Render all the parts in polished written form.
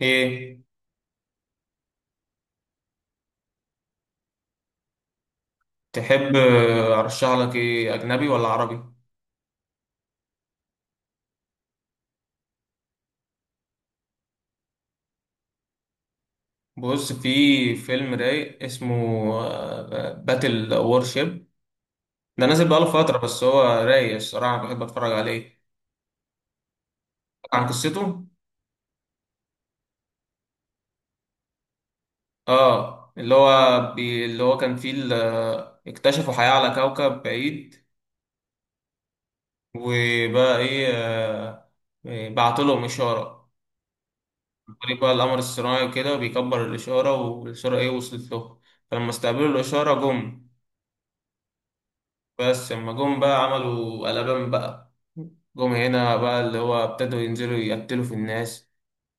ايه. تحب ارشح لك ايه، اجنبي ولا عربي؟ بص، في فيلم رايق اسمه باتل وورشيب. ده نازل بقاله فترة، بس هو رايق الصراحة. أنا بحب اتفرج عليه عن قصته. اه، اللي هو كان فيه اكتشفوا حياة على كوكب بعيد. وبقى ايه، آه، إيه، بعت لهم إشارة عن طريق بقى القمر الصناعي، وكده بيكبر الإشارة، والإشارة ايه وصلت له. فلما استقبلوا الإشارة، جم. بس لما جم بقى عملوا قلبان بقى. جم هنا بقى، اللي هو ابتدوا ينزلوا يقتلوا في الناس،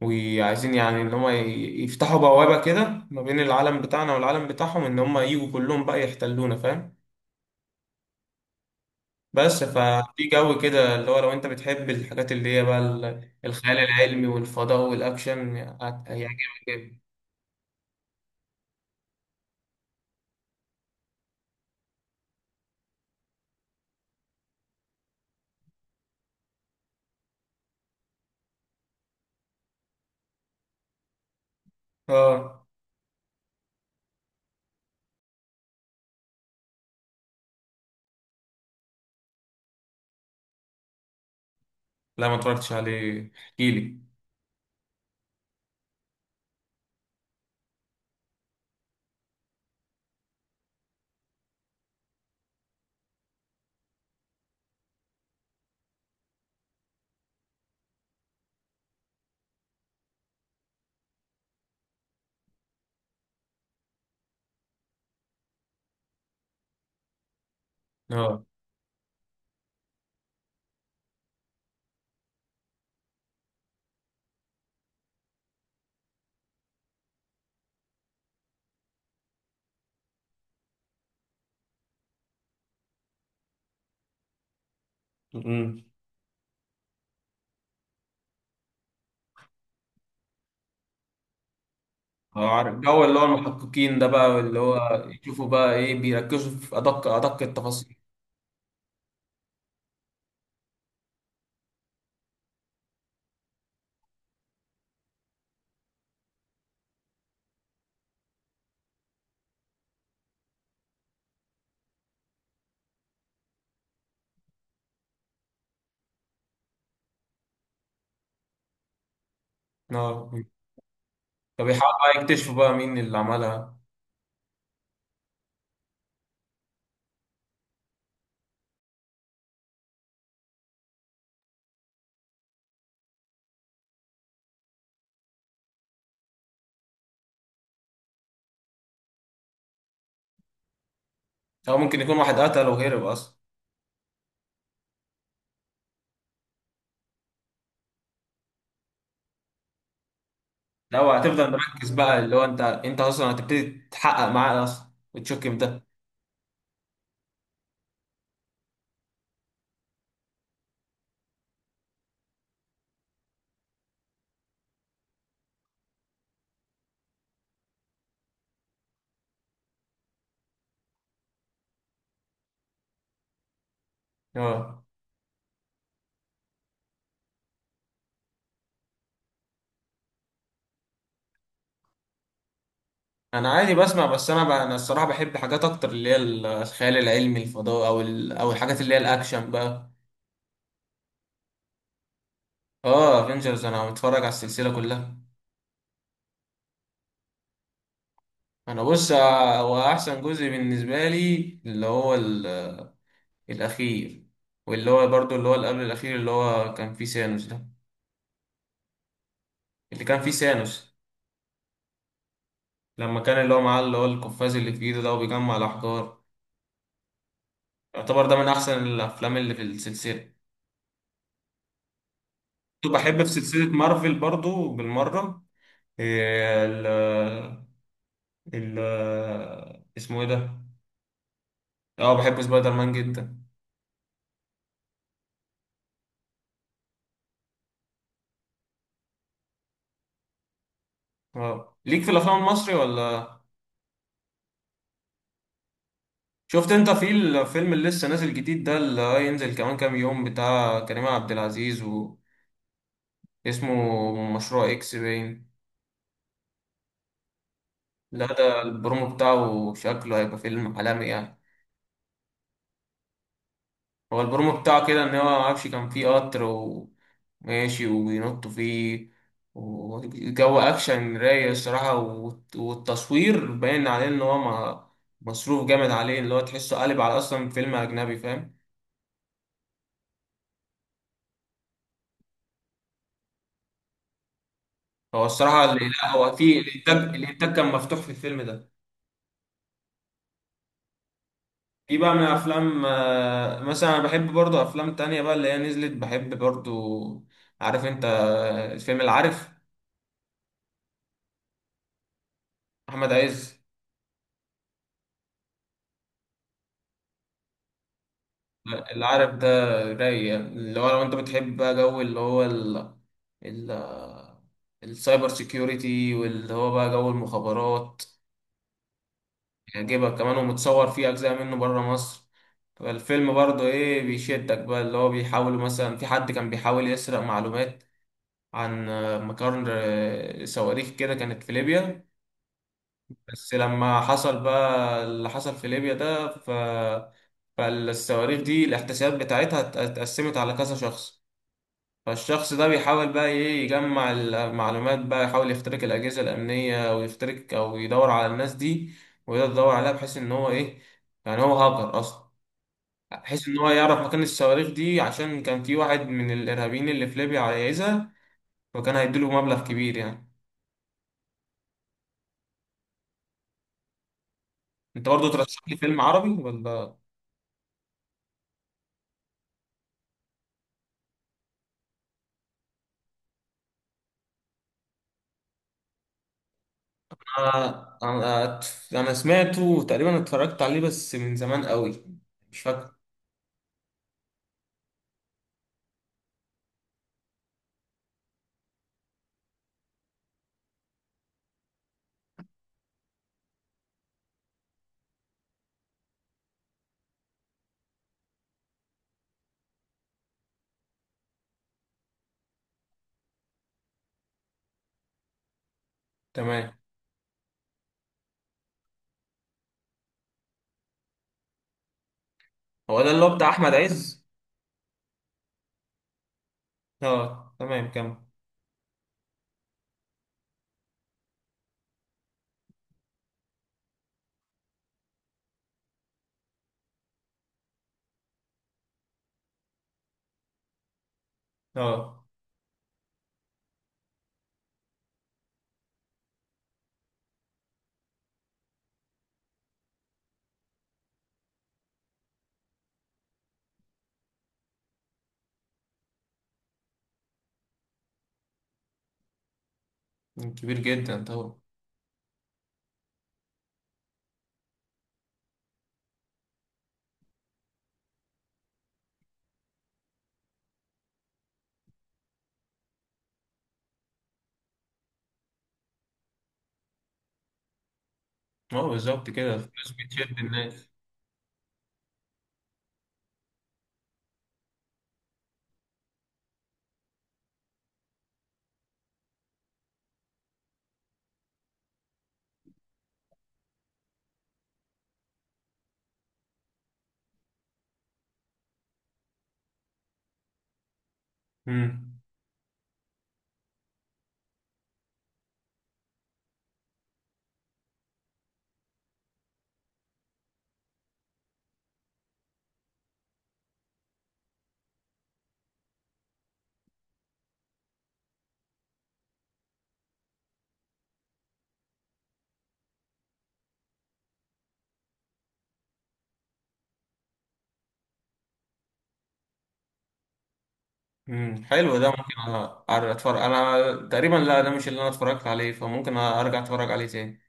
وعايزين يعني ان هم يفتحوا بوابة كده ما بين العالم بتاعنا والعالم بتاعهم، ان هم يجوا كلهم بقى يحتلونا، فاهم؟ بس ففي جو كده اللي هو لو انت بتحب الحاجات اللي هي بقى الخيال العلمي والفضاء والاكشن، هيعجبك جدا. اه. لا، ما اتفرجتش عليه، احكيلي. اه. اه، عارف الجو اللي هو المحققين ده بقى اللي هو يشوفوا بقى ايه، بيركزوا في ادق ادق التفاصيل. اه، فبيحاولوا بقى يكتشفوا بقى مين اللي عملها، او ممكن يكون واحد قتل وهرب اصلا. لو هتفضل مركز بقى اللي هو انت اصلا هتبتدي تحقق معاه اصلا وتشكم ده. اه، انا عادي بسمع، بس انا بقى انا الصراحه بحب حاجات اكتر اللي هي الخيال العلمي، الفضاء، او او الحاجات اللي هي الاكشن بقى. اه، افنجرز انا متفرج على السلسله كلها. انا بص، هو احسن جزء بالنسبه لي اللي هو الاخير، واللي هو برضو اللي هو اللي قبل الاخير، اللي هو كان فيه سانوس ده. اللي كان فيه سانوس، لما كان اللي هو معاه اللي هو القفاز اللي في ايده ده، وبيجمع الاحجار. يعتبر ده من احسن الافلام اللي في السلسله. كنت بحب في سلسله مارفل برضو بالمره. إيه ال ال اسمه ايه ده؟ اه، بحب سبايدر مان جدا. اه، ليك في الافلام المصري ولا؟ شفت انت في الفيلم اللي لسه نازل جديد ده، اللي هينزل كمان كام يوم، بتاع كريم عبد العزيز، واسمه مشروع اكس باين؟ لا، ده البرومو بتاعه شكله هيبقى فيلم عالمي يعني. هو البرومو بتاعه كده، ان هو معرفش كان فيه قطر وماشي وبينطوا فيه، وجو اكشن رايق الصراحة، والتصوير باين عليه ان هو مصروف جامد عليه، اللي هو تحسه قالب على اصلا فيلم اجنبي، فاهم؟ هو الصراحة اللي لا، هو في الانتاج كان مفتوح في الفيلم ده. في بقى من افلام، مثلا انا بحب برضو افلام تانية بقى اللي هي نزلت، بحب برضو. عارف انت فيلم العارف؟ احمد عز. العارف ده رايق، اللي هو لو انت بتحب بقى جو اللي هو ال ال السايبر سيكيورتي، واللي هو بقى جو المخابرات، يعجبك كمان. ومتصور فيه اجزاء منه بره مصر. فالفيلم برضو ايه بيشدك بقى، اللي هو بيحاول مثلا، في حد كان بيحاول يسرق معلومات عن مقر صواريخ كده كانت في ليبيا. بس لما حصل بقى اللي حصل في ليبيا ده، فالصواريخ دي الاحتسابات بتاعتها اتقسمت على كذا شخص. فالشخص ده بيحاول بقى ايه يجمع المعلومات بقى، يحاول يخترق الأجهزة الأمنية ويخترق، أو يدور على الناس دي، ويقدر يدور عليها بحيث إن هو ايه، يعني هو هاكر أصلا، بحيث إن هو يعرف مكان الصواريخ دي، عشان كان في واحد من الإرهابيين اللي في ليبيا عايزها، وكان هيديله مبلغ كبير يعني. انت برضو ترشح لي فيلم عربي ولا؟ انا انا أنا سمعته تقريبا، اتفرجت عليه بس من زمان قوي، مش فاكر. تمام. هو ده اللي هو بتاع احمد عز؟ اه، تمام، كم. اه، كبير جدا طبعا. اه، بالظبط، كده الفلوس بتشد الناس. امم. حلو، ده ممكن اتفرج. انا تقريبا لا، ده مش اللي انا اتفرجت عليه، فممكن ارجع اتفرج عليه تاني.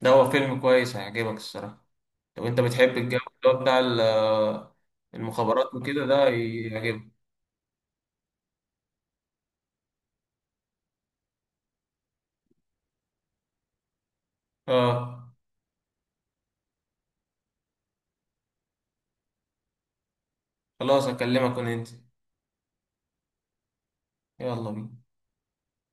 ده هو فيلم كويس هيعجبك الصراحة. لو انت بتحب الجو اللي هو بتاع المخابرات وكده، ده هيعجبك. اه، خلاص اكلمك وننزل. يلا بينا.